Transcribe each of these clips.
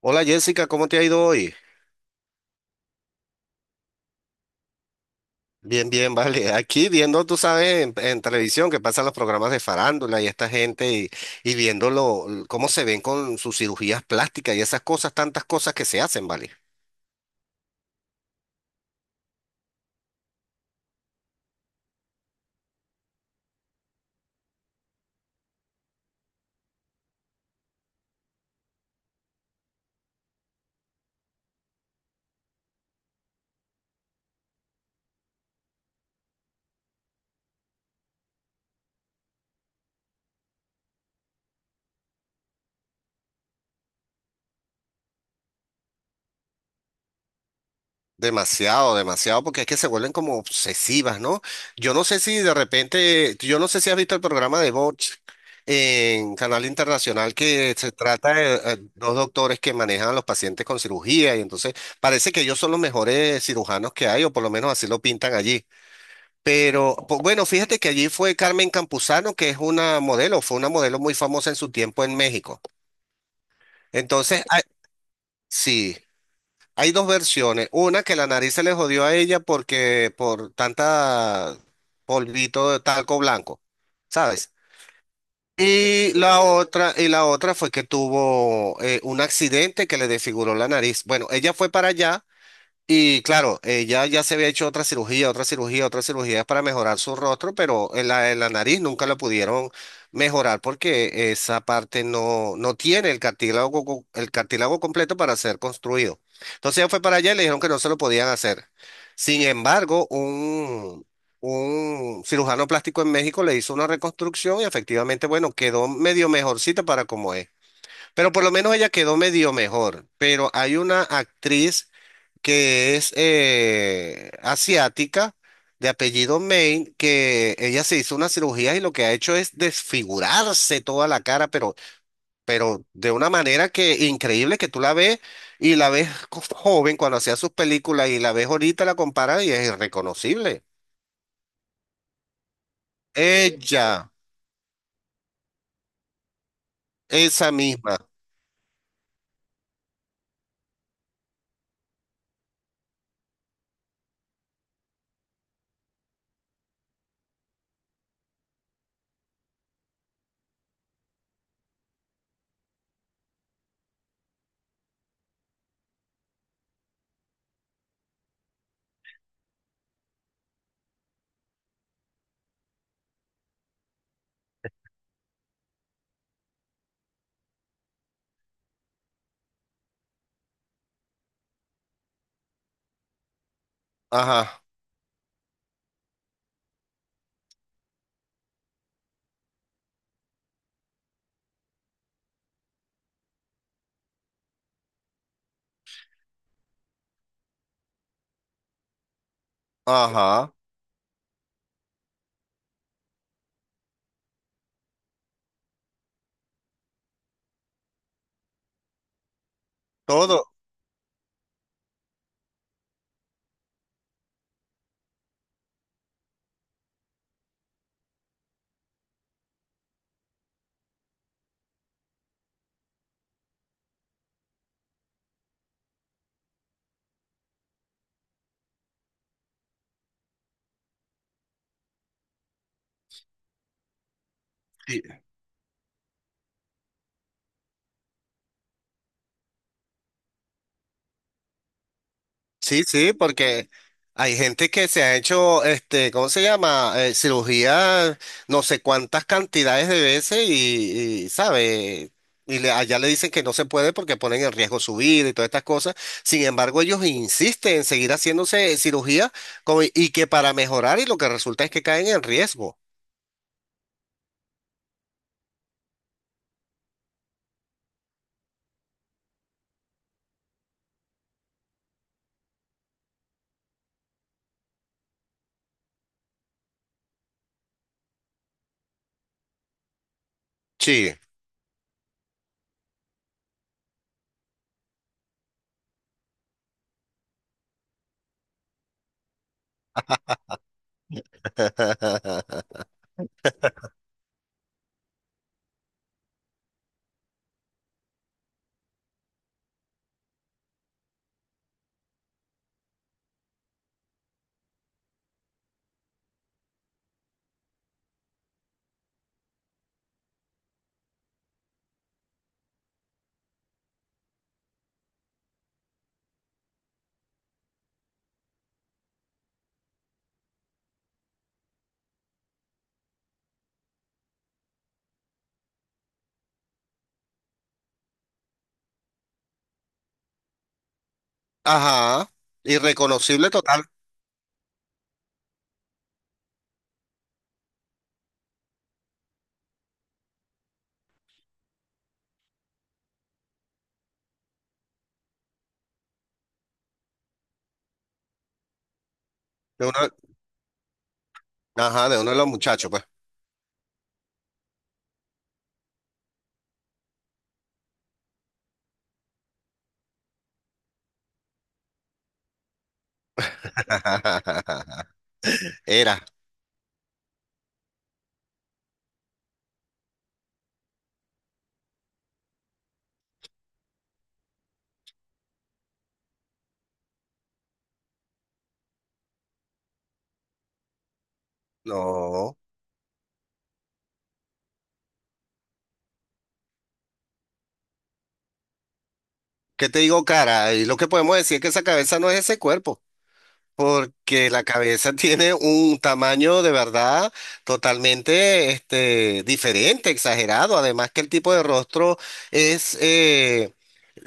Hola Jessica, ¿cómo te ha ido hoy? Bien, bien, vale. Aquí viendo, tú sabes, en televisión que pasan los programas de farándula y esta gente y viendo cómo se ven con sus cirugías plásticas y esas cosas, tantas cosas que se hacen, ¿vale? Demasiado, demasiado, porque es que se vuelven como obsesivas, ¿no? Yo no sé si de repente, yo no sé si has visto el programa de Vox en Canal Internacional que se trata de dos doctores que manejan a los pacientes con cirugía y entonces parece que ellos son los mejores cirujanos que hay, o por lo menos así lo pintan allí. Pero pues, bueno, fíjate que allí fue Carmen Campuzano, que es una modelo, fue una modelo muy famosa en su tiempo en México. Entonces, ah, sí. Hay dos versiones. Una que la nariz se le jodió a ella porque por tanta polvito de talco blanco, ¿sabes? Y la otra fue que tuvo un accidente que le desfiguró la nariz. Bueno, ella fue para allá. Y claro, ella ya se había hecho otra cirugía, otra cirugía, otra cirugía para mejorar su rostro, pero en la nariz nunca la pudieron mejorar porque esa parte no, no tiene el cartílago, el cartílago completo para ser construido. Entonces ella fue para allá y le dijeron que no se lo podían hacer. Sin embargo, un cirujano plástico en México le hizo una reconstrucción y efectivamente, bueno, quedó medio mejorcita para como es. Pero por lo menos ella quedó medio mejor. Pero hay una actriz que es asiática, de apellido Main, que ella se hizo unas cirugías y lo que ha hecho es desfigurarse toda la cara, pero de una manera que increíble que tú la ves y la ves joven cuando hacía sus películas y la ves ahorita, la comparas y es irreconocible. Ella, esa misma. Ajá, ajá. Todo. Sí. Sí, sí, porque hay gente que se ha hecho, este, ¿cómo se llama? Cirugía no sé cuántas cantidades de veces y, ¿sabe? Allá le dicen que no se puede porque ponen en riesgo su vida y todas estas cosas. Sin embargo, ellos insisten en seguir haciéndose cirugía y que para mejorar y lo que resulta es que caen en riesgo. Sí, ajá, irreconocible total de uno, ajá, de uno de los muchachos, pues. Era, no. ¿Qué te digo, cara? Y lo que podemos decir es que esa cabeza no es ese cuerpo, porque la cabeza tiene un tamaño de verdad totalmente este, diferente, exagerado. Además que el tipo de rostro es,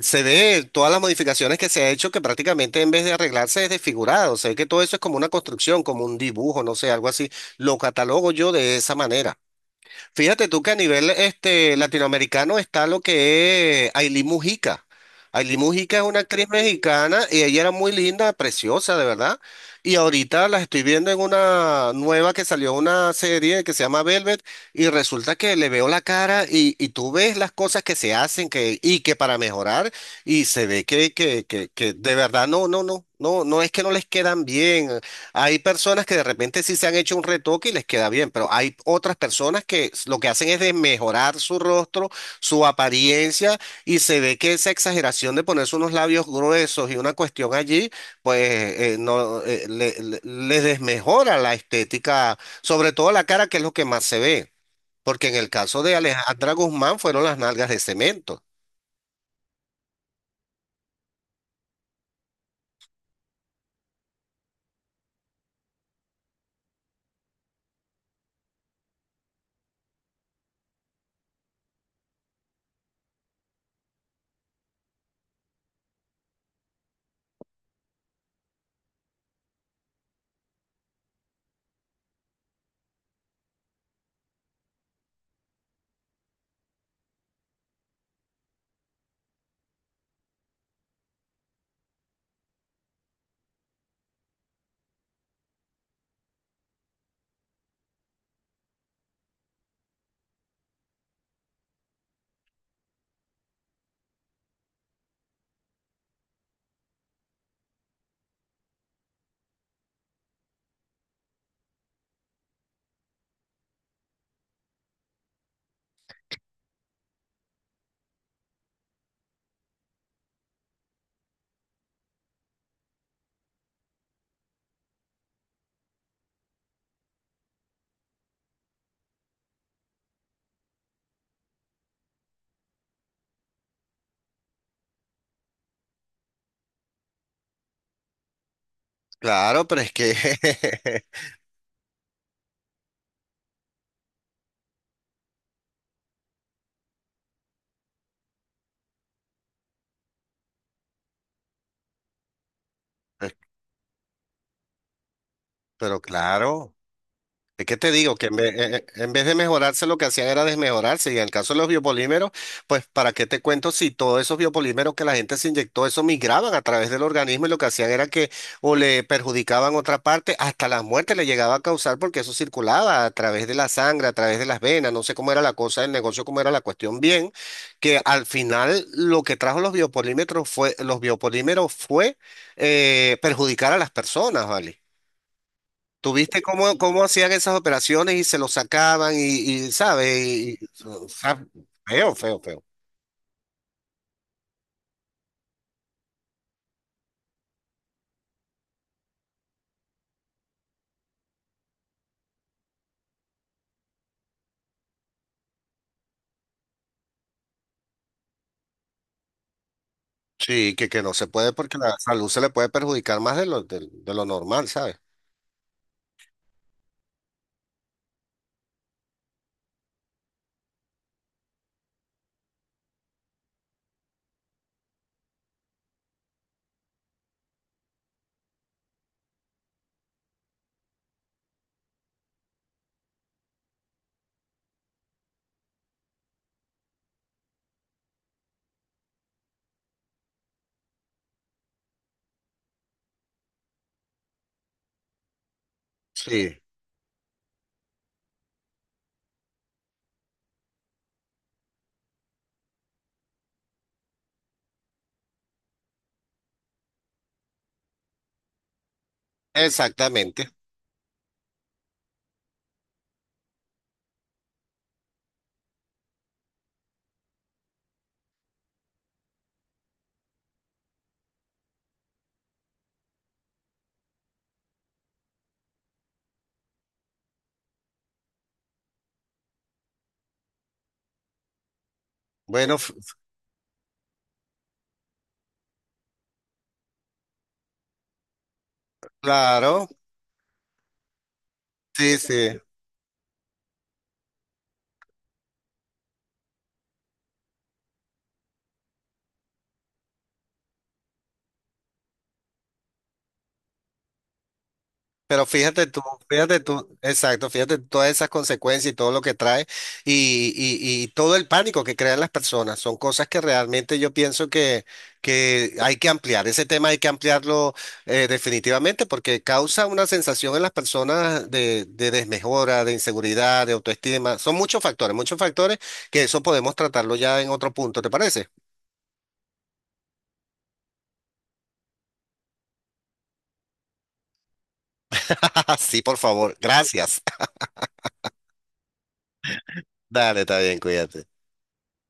se ve todas las modificaciones que se ha hecho que prácticamente en vez de arreglarse es desfigurado. O sea, que todo eso es como una construcción, como un dibujo, no sé, algo así. Lo catalogo yo de esa manera. Fíjate tú que a nivel este, latinoamericano está lo que es Ailey Mujica. Ailey Mujica es una actriz mexicana y ella era muy linda, preciosa, de verdad. Y ahorita la estoy viendo en una nueva que salió una serie que se llama Velvet y resulta que le veo la cara y tú ves las cosas que se hacen que, y que para mejorar y se ve que de verdad no, no, no, no, no es que no les quedan bien. Hay personas que de repente sí se han hecho un retoque y les queda bien, pero hay otras personas que lo que hacen es de mejorar su rostro, su apariencia, y se ve que esa exageración de ponerse unos labios gruesos y una cuestión allí, pues no les desmejora la estética, sobre todo la cara, que es lo que más se ve, porque en el caso de Alejandra Guzmán fueron las nalgas de cemento. Claro, pero es que, pero claro. Es que te digo que en vez de mejorarse, lo que hacían era desmejorarse. Y en el caso de los biopolímeros, pues, ¿para qué te cuento si todos esos biopolímeros que la gente se inyectó, eso migraban a través del organismo y lo que hacían era que o le perjudicaban otra parte, hasta las muertes le llegaba a causar porque eso circulaba a través de la sangre, a través de las venas. No sé cómo era la cosa del negocio, cómo era la cuestión bien, que al final lo que trajo los biopolímeros fue perjudicar a las personas, ¿vale? ¿Tuviste cómo, cómo hacían esas operaciones y se lo sacaban y ¿sabes? O sea, feo, feo, feo. Sí, que no se puede porque la salud se le puede perjudicar más de lo, de lo normal, ¿sabes? Sí, exactamente. Bueno, claro, sí, sí. Pero fíjate tú, exacto, fíjate todas esas consecuencias y todo lo que trae y, y todo el pánico que crean las personas. Son cosas que realmente yo pienso que hay que ampliar. Ese tema hay que ampliarlo definitivamente porque causa una sensación en las personas de desmejora, de inseguridad, de autoestima. Son muchos factores que eso podemos tratarlo ya en otro punto, ¿te parece? Sí, por favor. Gracias. Dale, está bien, cuídate.